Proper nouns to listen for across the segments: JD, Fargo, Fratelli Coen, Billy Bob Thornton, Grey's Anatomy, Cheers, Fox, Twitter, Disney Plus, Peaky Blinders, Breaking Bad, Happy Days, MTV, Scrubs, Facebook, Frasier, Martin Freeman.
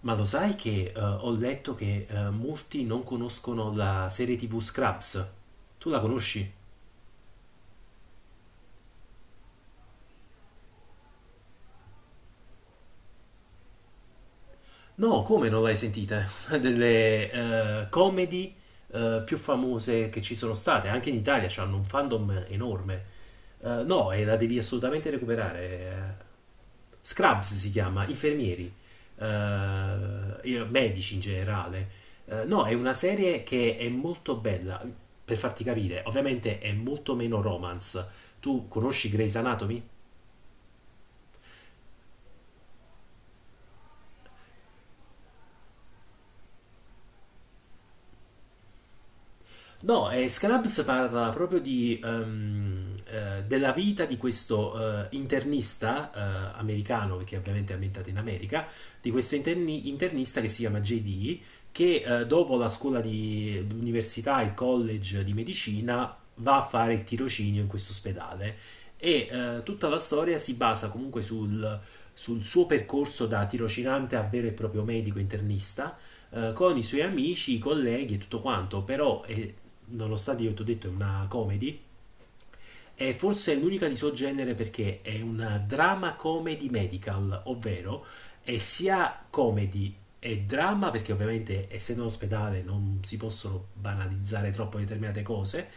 Ma lo sai che ho letto che molti non conoscono la serie TV Scraps? Tu la conosci? No, come non l'hai sentita? Una delle comedy più famose che ci sono state, anche in Italia hanno un fandom enorme. No, e la devi assolutamente recuperare. eh. Scrubs si chiama, infermieri, medici in generale. No, è una serie che è molto bella, per farti capire, ovviamente è molto meno romance. Tu conosci Grey's Anatomy? No, e Scrubs parla proprio della vita di questo internista americano, perché ovviamente è ambientato in America, di questo internista che si chiama JD, che dopo la scuola di università, il college di medicina, va a fare il tirocinio in questo ospedale. E tutta la storia si basa comunque sul suo percorso da tirocinante a vero e proprio medico internista con i suoi amici, i colleghi e tutto quanto. Però è, nonostante io ti ho detto è una comedy, è forse l'unica di suo genere perché è una drama comedy medical, ovvero è sia comedy e drama perché ovviamente essendo in ospedale non si possono banalizzare troppo determinate cose,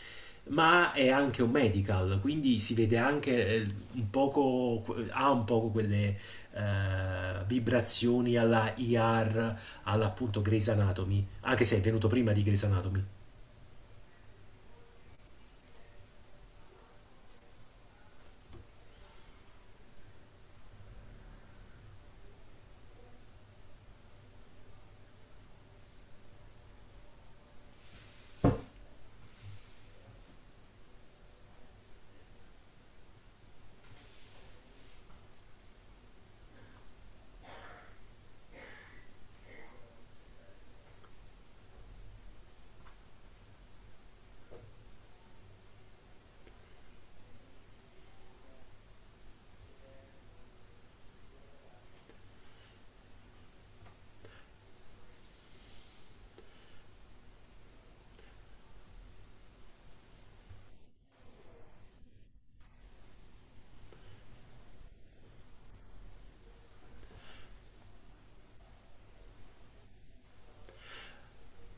ma è anche un medical, quindi si vede anche un poco, ha un poco quelle vibrazioni alla IR, all'appunto Grey's Anatomy, anche se è venuto prima di Grey's Anatomy.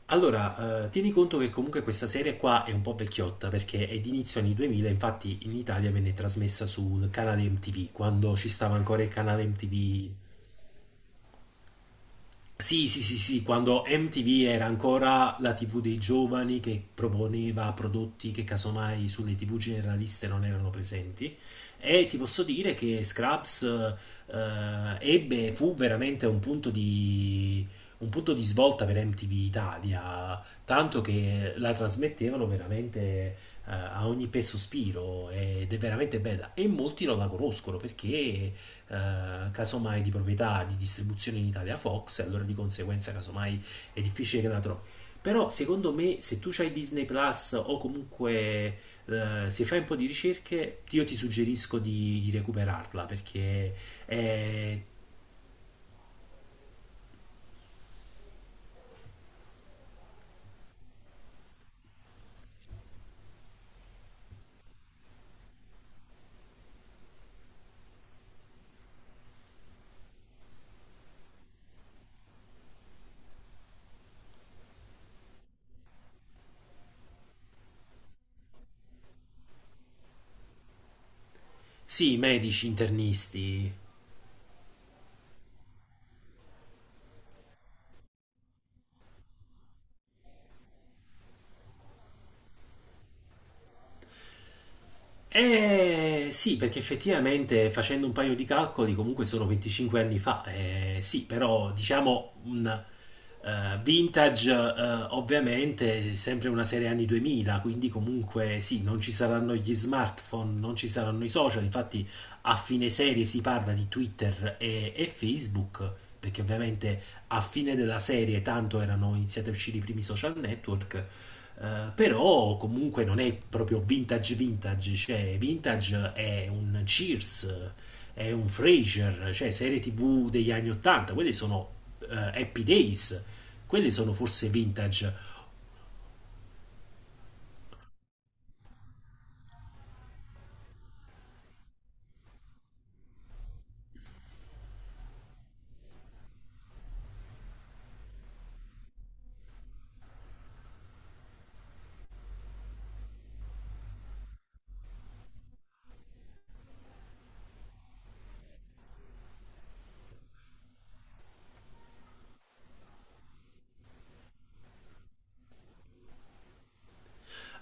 Allora, tieni conto che comunque questa serie qua è un po' vecchiotta perché è di inizio anni 2000. Infatti in Italia venne trasmessa sul canale MTV, quando ci stava ancora il canale MTV. Sì, sì, sì, sì, quando MTV era ancora la TV dei giovani che proponeva prodotti che casomai sulle TV generaliste non erano presenti. E ti posso dire che Scraps fu veramente un punto di, svolta per MTV Italia, tanto che la trasmettevano veramente a ogni peso sospiro ed è veramente bella. E molti non la conoscono perché casomai di proprietà di distribuzione in Italia Fox, e allora di conseguenza casomai è difficile che la trovi. Però secondo me se tu hai Disney Plus o comunque se fai un po' di ricerche, io ti suggerisco di recuperarla perché è... Sì, medici, internisti. Eh sì, perché effettivamente facendo un paio di calcoli comunque sono 25 anni fa, sì, però diciamo un vintage ovviamente è sempre una serie anni 2000, quindi comunque sì, non ci saranno gli smartphone, non ci saranno i social. Infatti a fine serie si parla di Twitter e Facebook, perché ovviamente a fine della serie tanto erano iniziati a uscire i primi social network. Però comunque non è proprio vintage vintage, cioè vintage è un Cheers, è un Frasier, cioè serie TV degli anni 80, quelle sono eh, Happy Days, quelle sono forse vintage.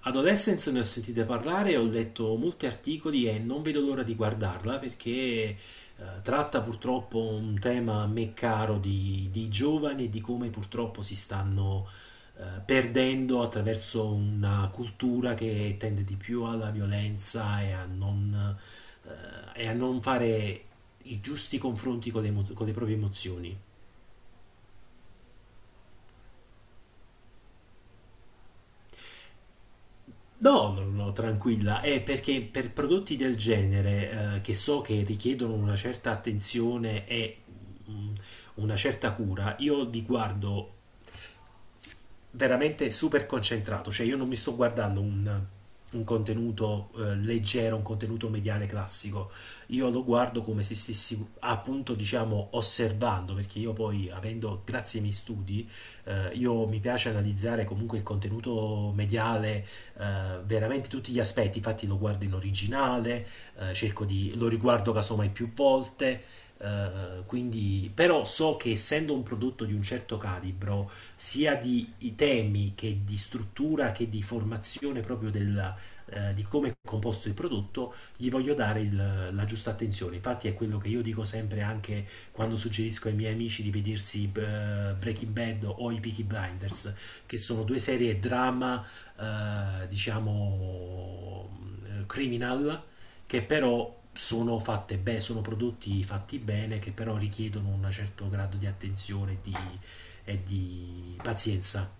Adolescence ne ho sentite parlare, ho letto molti articoli e non vedo l'ora di guardarla perché tratta purtroppo un tema a me caro di giovani e di come purtroppo si stanno perdendo attraverso una cultura che tende di più alla violenza eh, e a non fare i giusti confronti con con le proprie emozioni. No, no, no, tranquilla. È perché per prodotti del genere, che so che richiedono una certa attenzione e mm, una certa cura, io li guardo veramente super concentrato, cioè io non mi sto guardando un contenuto leggero, un contenuto mediale classico, io lo guardo come se stessi appunto diciamo osservando, perché io poi avendo, grazie ai miei studi, io mi piace analizzare comunque il contenuto mediale, veramente tutti gli aspetti. Infatti lo guardo in originale, lo riguardo casomai più volte, quindi, però so che essendo un prodotto di un certo calibro, sia di i temi che di struttura che di formazione proprio del, di come è composto il prodotto, gli voglio dare la giusta attenzione. Infatti è quello che io dico sempre anche quando suggerisco ai miei amici di vedersi Breaking Bad o i Peaky Blinders, che sono due serie drama, diciamo, criminal, che però sono fatte bene, sono prodotti fatti bene, che però richiedono un certo grado di attenzione e di, e di, pazienza.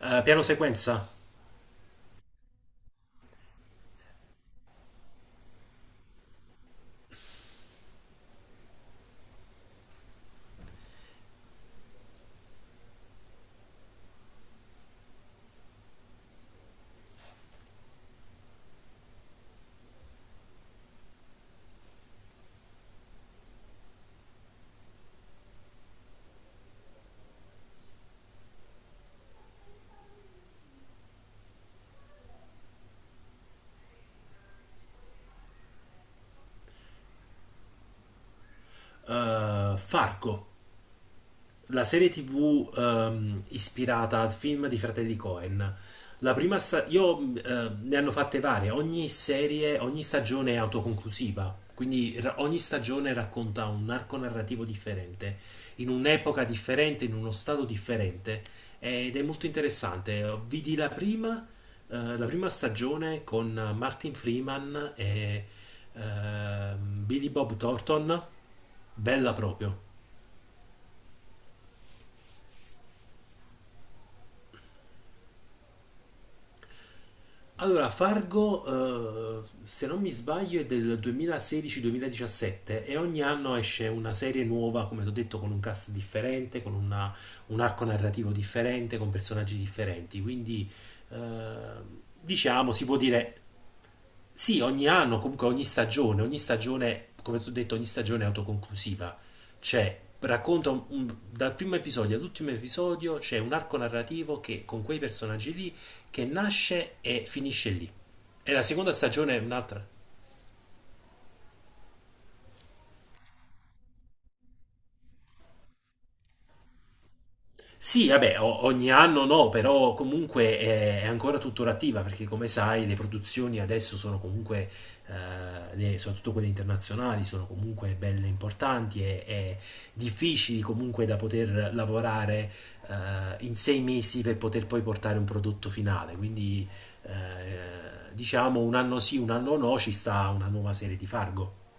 Piano sequenza, Fargo. La serie TV ispirata al film di Fratelli Coen. La prima sta- io Ne hanno fatte varie, ogni stagione è autoconclusiva, quindi ogni stagione racconta un arco narrativo differente, in un'epoca differente, in uno stato differente ed è molto interessante. Vidi la prima stagione con Martin Freeman e Billy Bob Thornton, bella proprio. Allora, Fargo, se non mi sbaglio, è del 2016-2017 e ogni anno esce una serie nuova, come ti ho detto, con un cast differente, con un arco narrativo differente, con personaggi differenti. Quindi, diciamo, si può dire sì, ogni anno, comunque ogni stagione, come ti ho detto, ogni stagione è autoconclusiva. Cioè, racconta dal primo episodio all'ultimo episodio c'è un arco narrativo che con quei personaggi lì che nasce e finisce lì. E la seconda stagione è un'altra. Sì, vabbè, ogni anno no, però comunque è ancora tuttora attiva perché come sai le produzioni adesso sono comunque, soprattutto quelle internazionali, sono comunque belle importanti e difficili comunque da poter lavorare in 6 mesi per poter poi portare un prodotto finale. Quindi diciamo un anno sì, un anno no, ci sta una nuova serie di Fargo.